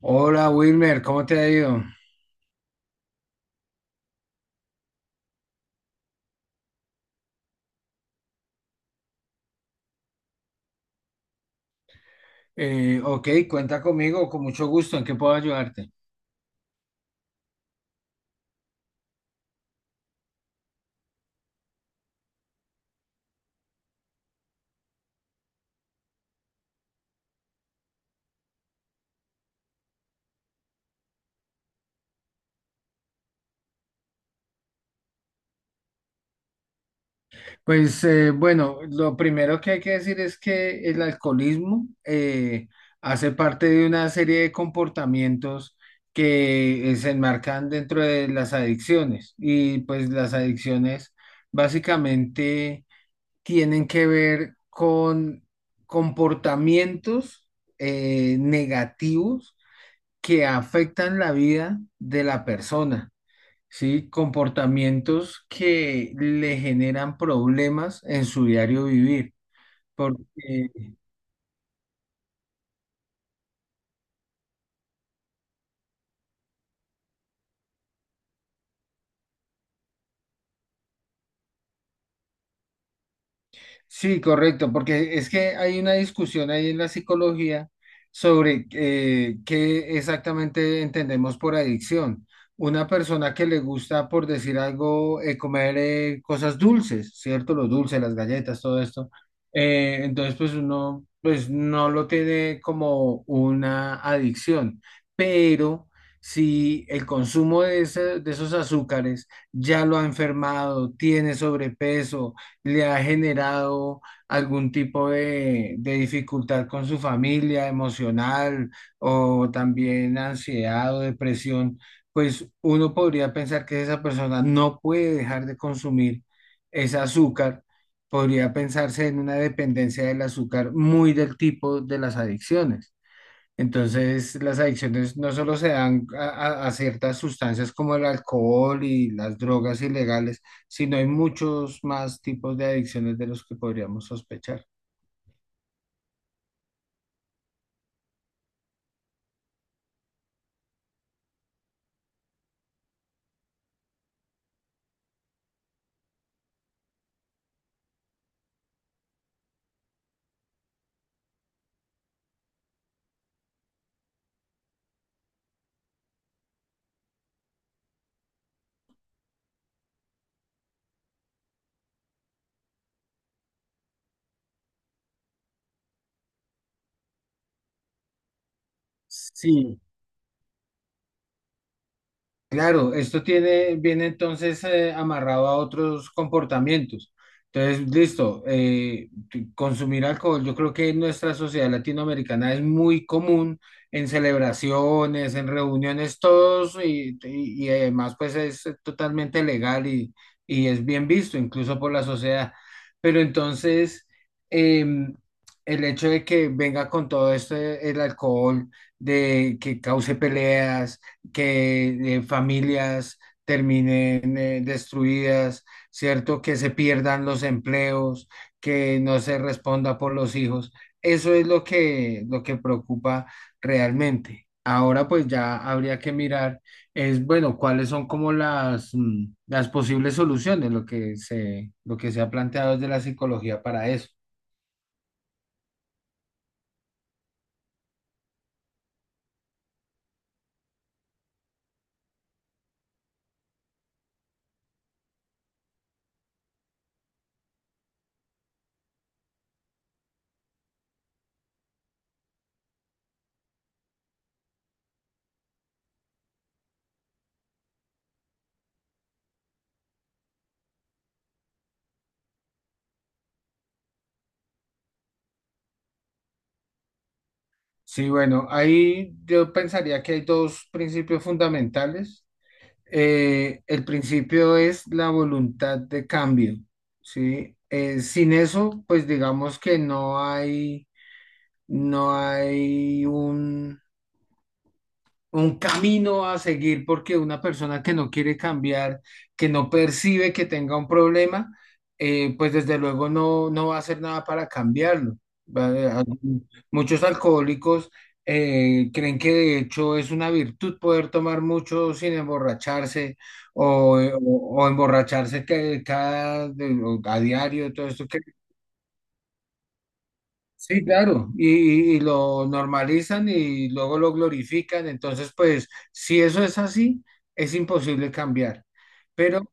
Hola Wilmer, ¿cómo te ha ido? Ok, cuenta conmigo, con mucho gusto, ¿en qué puedo ayudarte? Pues bueno, lo primero que hay que decir es que el alcoholismo hace parte de una serie de comportamientos que se enmarcan dentro de las adicciones, y pues las adicciones básicamente tienen que ver con comportamientos negativos que afectan la vida de la persona, ¿sí? Comportamientos que le generan problemas en su diario vivir, porque Sí, correcto, porque es que hay una discusión ahí en la psicología sobre qué exactamente entendemos por adicción. Una persona que le gusta, por decir algo, comer cosas dulces, ¿cierto? Los dulces, las galletas, todo esto. Entonces, pues uno, pues no lo tiene como una adicción, pero si el consumo de, de esos azúcares ya lo ha enfermado, tiene sobrepeso, le ha generado algún tipo de dificultad con su familia, emocional, o también ansiedad o depresión, pues uno podría pensar que esa persona no puede dejar de consumir ese azúcar. Podría pensarse en una dependencia del azúcar muy del tipo de las adicciones. Entonces, las adicciones no solo se dan a, a ciertas sustancias como el alcohol y las drogas ilegales, sino hay muchos más tipos de adicciones de los que podríamos sospechar. Sí, claro, esto tiene, viene entonces amarrado a otros comportamientos. Entonces, listo, consumir alcohol, yo creo que en nuestra sociedad latinoamericana es muy común en celebraciones, en reuniones, todos, y además pues es totalmente legal y es bien visto, incluso por la sociedad. Pero entonces, em, el hecho de que venga con todo esto el alcohol, de que cause peleas, que familias terminen destruidas, ¿cierto? Que se pierdan los empleos, que no se responda por los hijos. Eso es lo que preocupa realmente. Ahora pues ya habría que mirar, es bueno, cuáles son como las, las posibles soluciones, lo que se ha planteado desde la psicología para eso. Sí, bueno, ahí yo pensaría que hay dos principios fundamentales. El principio es la voluntad de cambio, ¿sí? Sin eso, pues digamos que no hay, no hay un camino a seguir, porque una persona que no quiere cambiar, que no percibe que tenga un problema, pues desde luego no, no va a hacer nada para cambiarlo. Va- a- Muchos alcohólicos creen que de hecho es una virtud poder tomar mucho sin emborracharse, o, o emborracharse que cada, a diario, todo esto. Sí, claro, y lo normalizan y luego lo glorifican. Entonces, pues, si eso es así, es imposible cambiar. Pero,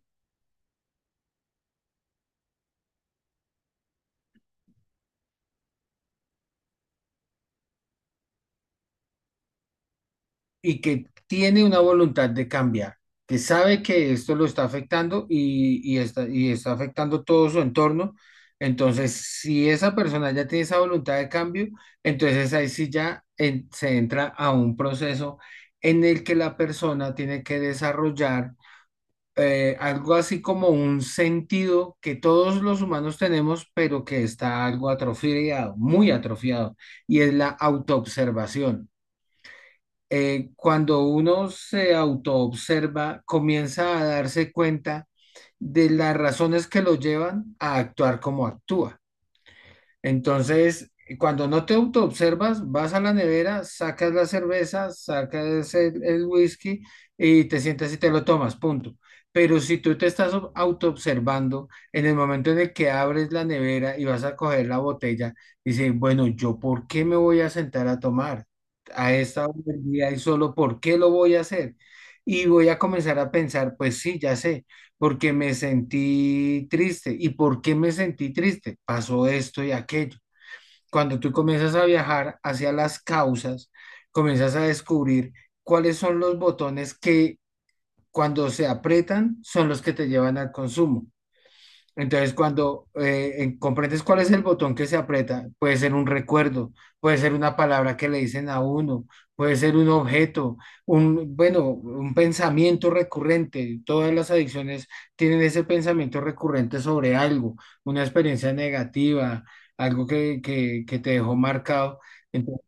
y que tiene una voluntad de cambiar, que sabe que esto lo está afectando, y está afectando todo su entorno. Entonces, si esa persona ya tiene esa voluntad de cambio, entonces ahí sí ya se entra a un proceso en el que la persona tiene que desarrollar algo así como un sentido que todos los humanos tenemos, pero que está algo atrofiado, muy atrofiado, y es la autoobservación. Cuando uno se autoobserva, comienza a darse cuenta de las razones que lo llevan a actuar como actúa. Entonces, cuando no te autoobservas, vas a la nevera, sacas la cerveza, sacas el whisky, y te sientas y te lo tomas, punto. Pero si tú te estás autoobservando, en el momento en el que abres la nevera y vas a coger la botella, dices, bueno, ¿yo por qué me voy a sentar a tomar a esta hora del día y solo, por qué lo voy a hacer? Y voy a comenzar a pensar, pues sí, ya sé, porque me sentí triste. ¿Y por qué me sentí triste? Pasó esto y aquello. Cuando tú comienzas a viajar hacia las causas, comienzas a descubrir cuáles son los botones que cuando se aprietan son los que te llevan al consumo. Entonces, cuando comprendes cuál es el botón que se aprieta, puede ser un recuerdo, puede ser una palabra que le dicen a uno, puede ser un objeto, un, bueno, un pensamiento recurrente. Todas las adicciones tienen ese pensamiento recurrente sobre algo, una experiencia negativa, algo que te dejó marcado. Ento-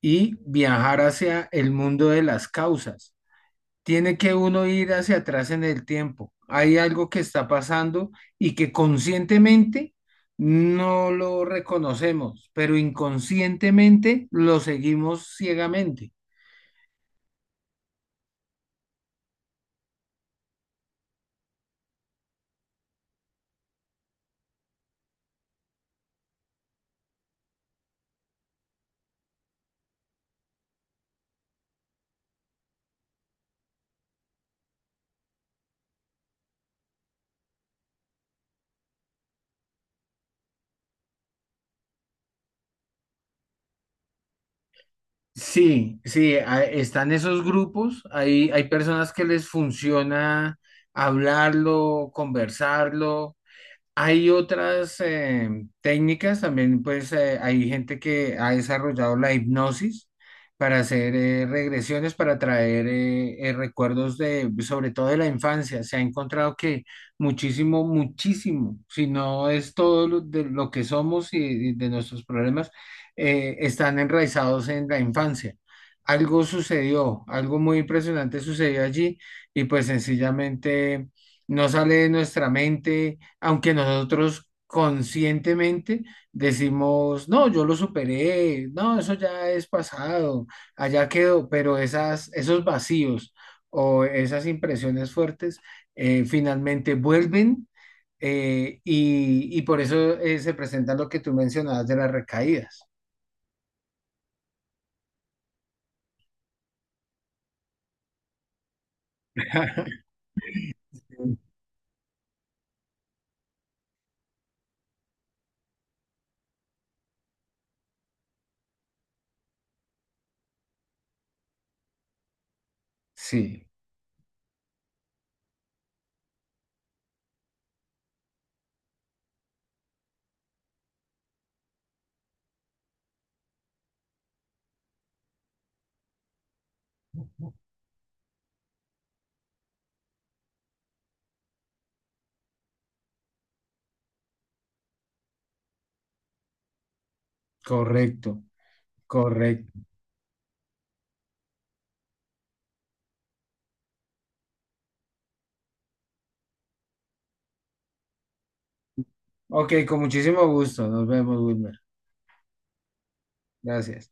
y viajar hacia el mundo de las causas. Tiene que uno ir hacia atrás en el tiempo. Hay algo que está pasando y que conscientemente no lo reconocemos, pero inconscientemente lo seguimos ciegamente. Sí, sí, están esos grupos, hay personas que les funciona hablarlo, conversarlo. Hay otras técnicas también, pues hay gente que ha desarrollado la hipnosis para hacer regresiones, para traer recuerdos de, sobre todo de la infancia. Se ha encontrado que muchísimo, muchísimo, si no es todo lo, de lo que somos y de nuestros problemas, están enraizados en la infancia. Algo sucedió, algo muy impresionante sucedió allí, y pues sencillamente no sale de nuestra mente, aunque nosotros conscientemente decimos, no, yo lo superé, no, eso ya es pasado, allá quedó, pero esas, esos vacíos o esas impresiones fuertes finalmente vuelven, y por eso se presenta lo que tú mencionabas de las recaídas. Sí, correcto, correcto. Ok, con muchísimo gusto, nos vemos, Wilmer. Gracias.